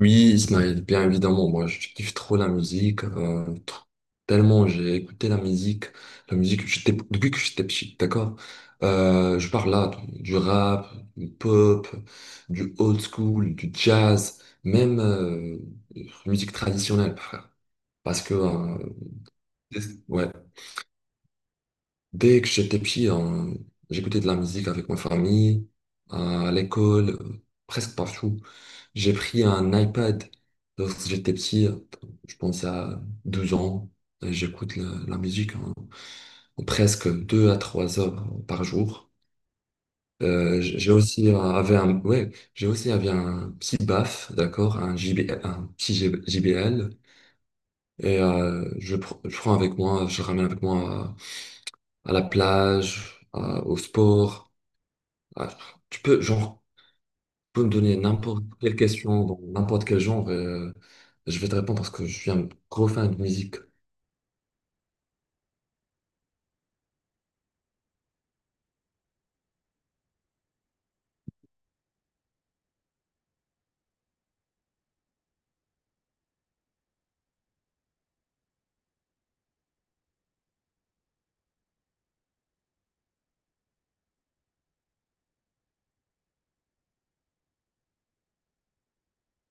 Oui, Ismaël, bien évidemment, moi je kiffe trop la musique, tellement j'ai écouté la musique, depuis que j'étais petit, d'accord? Je parle là du rap, du pop, du old school, du jazz, même musique traditionnelle, frère. Parce que, ouais, dès que j'étais petit, j'écoutais de la musique avec ma famille, à l'école, presque partout. J'ai pris un iPad lorsque j'étais petit, je pense à 12 ans, et j'écoute la musique en presque 2 à 3 heures par jour. J'ai aussi ouais, j'ai aussi avait un petit BAF, d'accord, un JB, un petit JB JBL, et je prends avec moi, je ramène avec moi à la plage, au sport. Ah, tu peux, genre, tu peux me donner n'importe quelle question, dans n'importe quel genre, et je vais te répondre parce que je suis un gros fan de musique.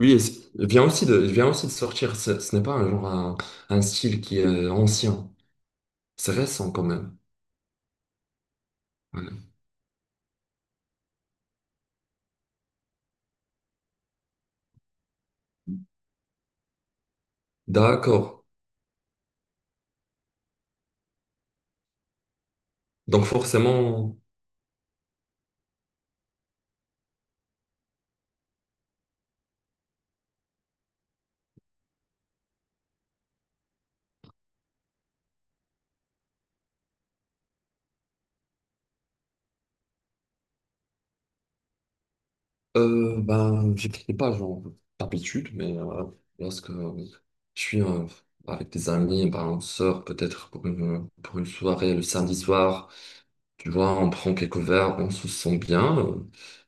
Oui, et il vient aussi de sortir. Ce n'est pas un genre, un style qui est ancien. C'est récent quand même. Ouais. D'accord. Donc forcément, ben, j'écris pas genre d'habitude, mais voilà. Lorsque je suis avec des amis, ben, on sort peut-être pour une soirée le samedi soir. Tu vois, on prend quelques verres, on se sent bien.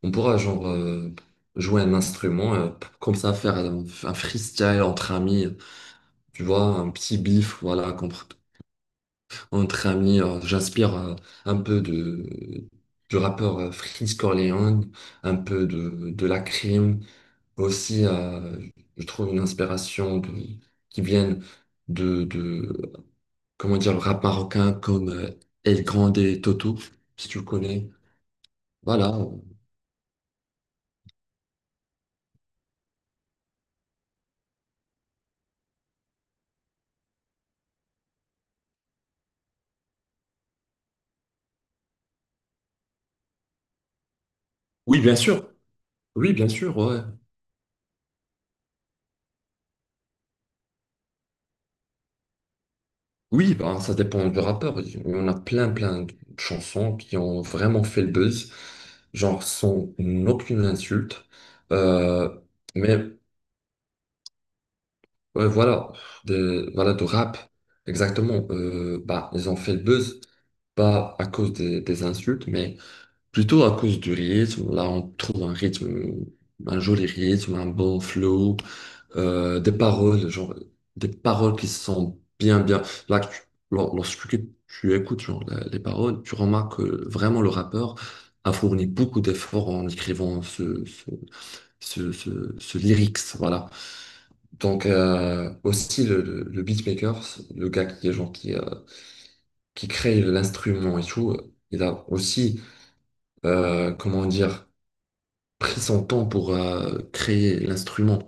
On pourra genre jouer un instrument, comme ça faire un freestyle entre amis. Tu vois, un petit bif, voilà, entre amis. J'inspire un peu de du rappeur Freeze Corleone, un peu de la crime. Aussi, je trouve une inspiration de, qui viennent de comment dire le rap marocain comme El Grande et Toto, si tu le connais. Voilà. Oui, bien sûr. Oui, bien sûr, ouais. Oui, ben, ça dépend du rappeur. Il y en a plein, plein de chansons qui ont vraiment fait le buzz, genre sans aucune insulte. Euh, mais ouais, voilà, de rap, exactement. Bah, ils ont fait le buzz, pas à cause des insultes, mais plutôt à cause du rythme. Là, on trouve un rythme, un joli rythme, un bon flow. Des paroles, genre, des paroles qui sont bien, bien. Là, lorsque tu écoutes genre, les paroles, tu remarques que vraiment le rappeur a fourni beaucoup d'efforts en écrivant ce lyrics, voilà. Donc, aussi, le beatmaker, le gars qui est genre, qui crée l'instrument et tout, il a aussi, comment dire, pris son temps pour créer l'instrument.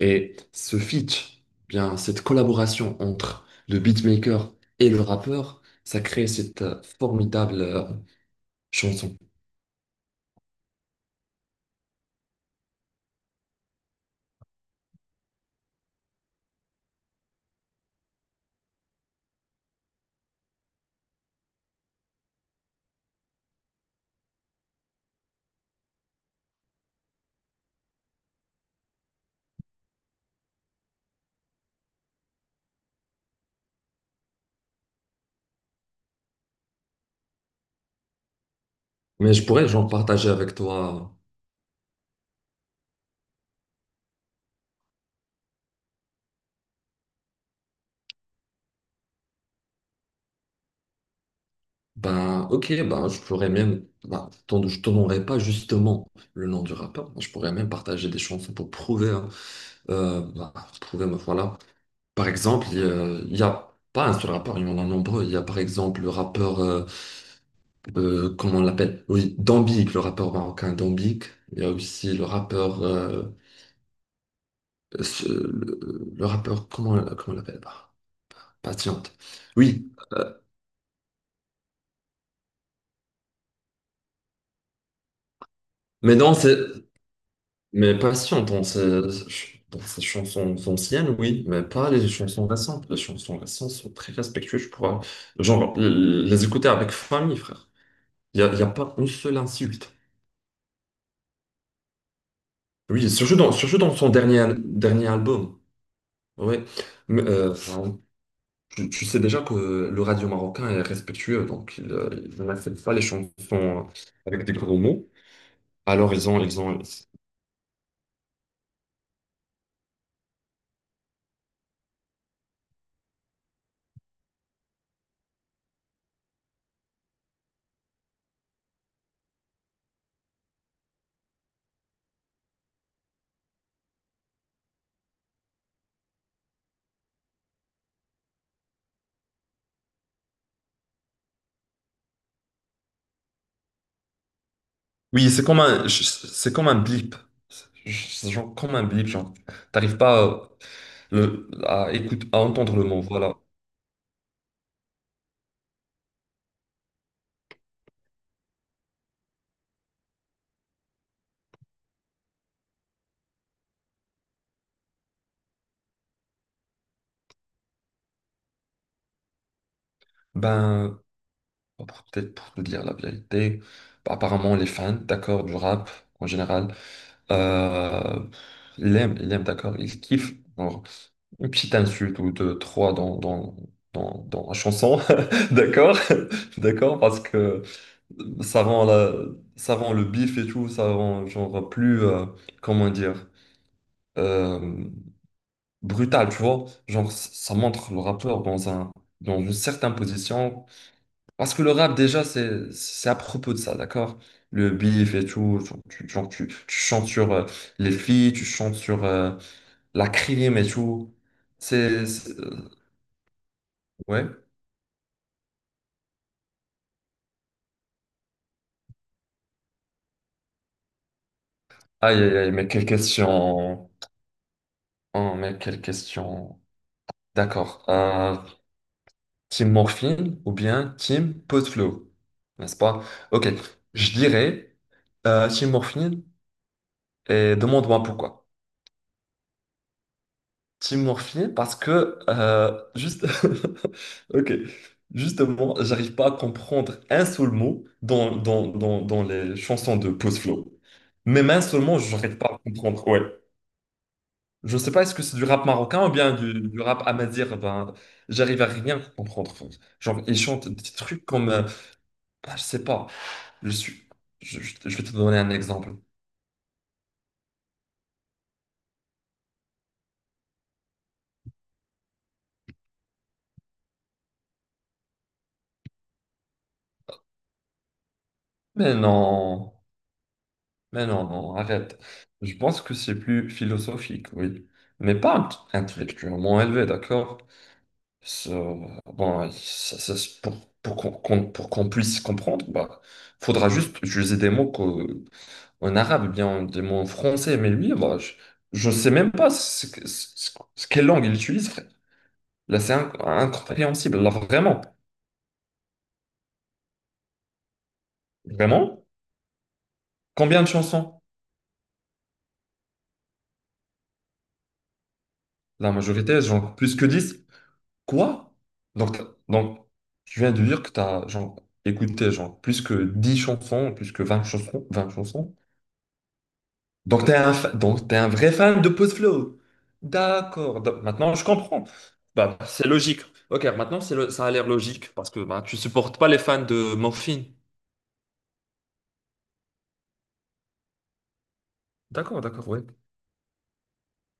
Et ce feat, bien cette collaboration entre le beatmaker et le rappeur, ça crée cette formidable chanson. Mais je pourrais genre partager avec toi. Ben ok, ben je pourrais même, ben, je te donnerai pas justement le nom du rappeur. Je pourrais même partager des chansons pour prouver, hein, ben, prouver, ben, voilà. Par exemple, il y a pas un seul rappeur, il y en a nombreux. Il y a par exemple le rappeur comment on l'appelle? Oui, Dambik, le rappeur marocain Dambik. Il y a aussi le rappeur, ce- le, le rappeur, comment on l'appelle? Bah, Patiente. Oui, mais non, mais Patiente, dans ses chansons anciennes, oui, mais pas les chansons récentes. Les chansons récentes sont très respectueuses, je pourrais, genre, les écouter avec famille, frère. Il y a pas une seule insulte. Oui, surtout dans son dernier, dernier album. Ouais. Mais, enfin, tu sais déjà que le radio marocain est respectueux, donc il n'accepte pas les chansons avec des gros mots. Alors ils ont. Oui, c'est comme un blip. C'est genre comme un blip, genre t'arrives pas à entendre le mot. Voilà. Ben peut-être pour te dire la vérité, apparemment les fans, d'accord, du rap en général. Euh, l'aime, d'accord, il kiffe. Bon, une petite insulte ou deux, trois dans la chanson, d'accord, d'accord, parce que ça rend, la, ça rend le bif et tout, ça rend genre plus, comment dire, euh, brutal, tu vois. Genre, ça montre le rappeur dans un, dans une certaine position parce que le rap, déjà, c'est à propos de ça, d'accord? Le beef et tout, genre, tu chantes sur les filles, tu chantes sur la crime et tout. C'est, c'est- euh, ouais. Aïe, aïe, aïe, mais quelle question. Oh, mais quelle question. D'accord. Team Morphine ou bien team Podflow, n'est-ce pas? Ok, je dirais team Morphine et demande-moi pourquoi. Team Morphy parce que juste ok, justement j'arrive pas à comprendre un seul mot dans les chansons de Post Flow. Même un seul mot j'arrive pas à comprendre, ouais. Je sais pas, est-ce que c'est du rap marocain ou bien du rap amazigh? Ben j'arrive à rien comprendre, genre ils chantent des trucs comme ah, je sais pas. Je suis, je vais te donner un exemple. Mais non. Mais non, non, arrête. Je pense que c'est plus philosophique, oui. Mais pas intellectuellement élevé, d'accord? Ça- Bon, c'est pour qu'on puisse comprendre, bah, faudra juste utiliser des mots en arabe, ou bien des mots en français. Mais lui, bah, je sais même pas ce, que- ce- ce- quelle langue il utilise, frère. Là, c'est incompréhensible. Là, vraiment. Vraiment? Combien de chansons? La majorité, genre plus que 10. Quoi? Donc, tu viens de dire que tu as genre, écouté genre, plus que 10 chansons, plus que 20 chansons, 20 chansons. Donc, tu es un, fa- donc, t'es un vrai fan de Post Flow. D'accord. Donc, maintenant, je comprends. Bah, c'est logique. Ok, maintenant, ça a l'air logique parce que bah, tu supportes pas les fans de Morphine. D'accord, d'accord, ouais.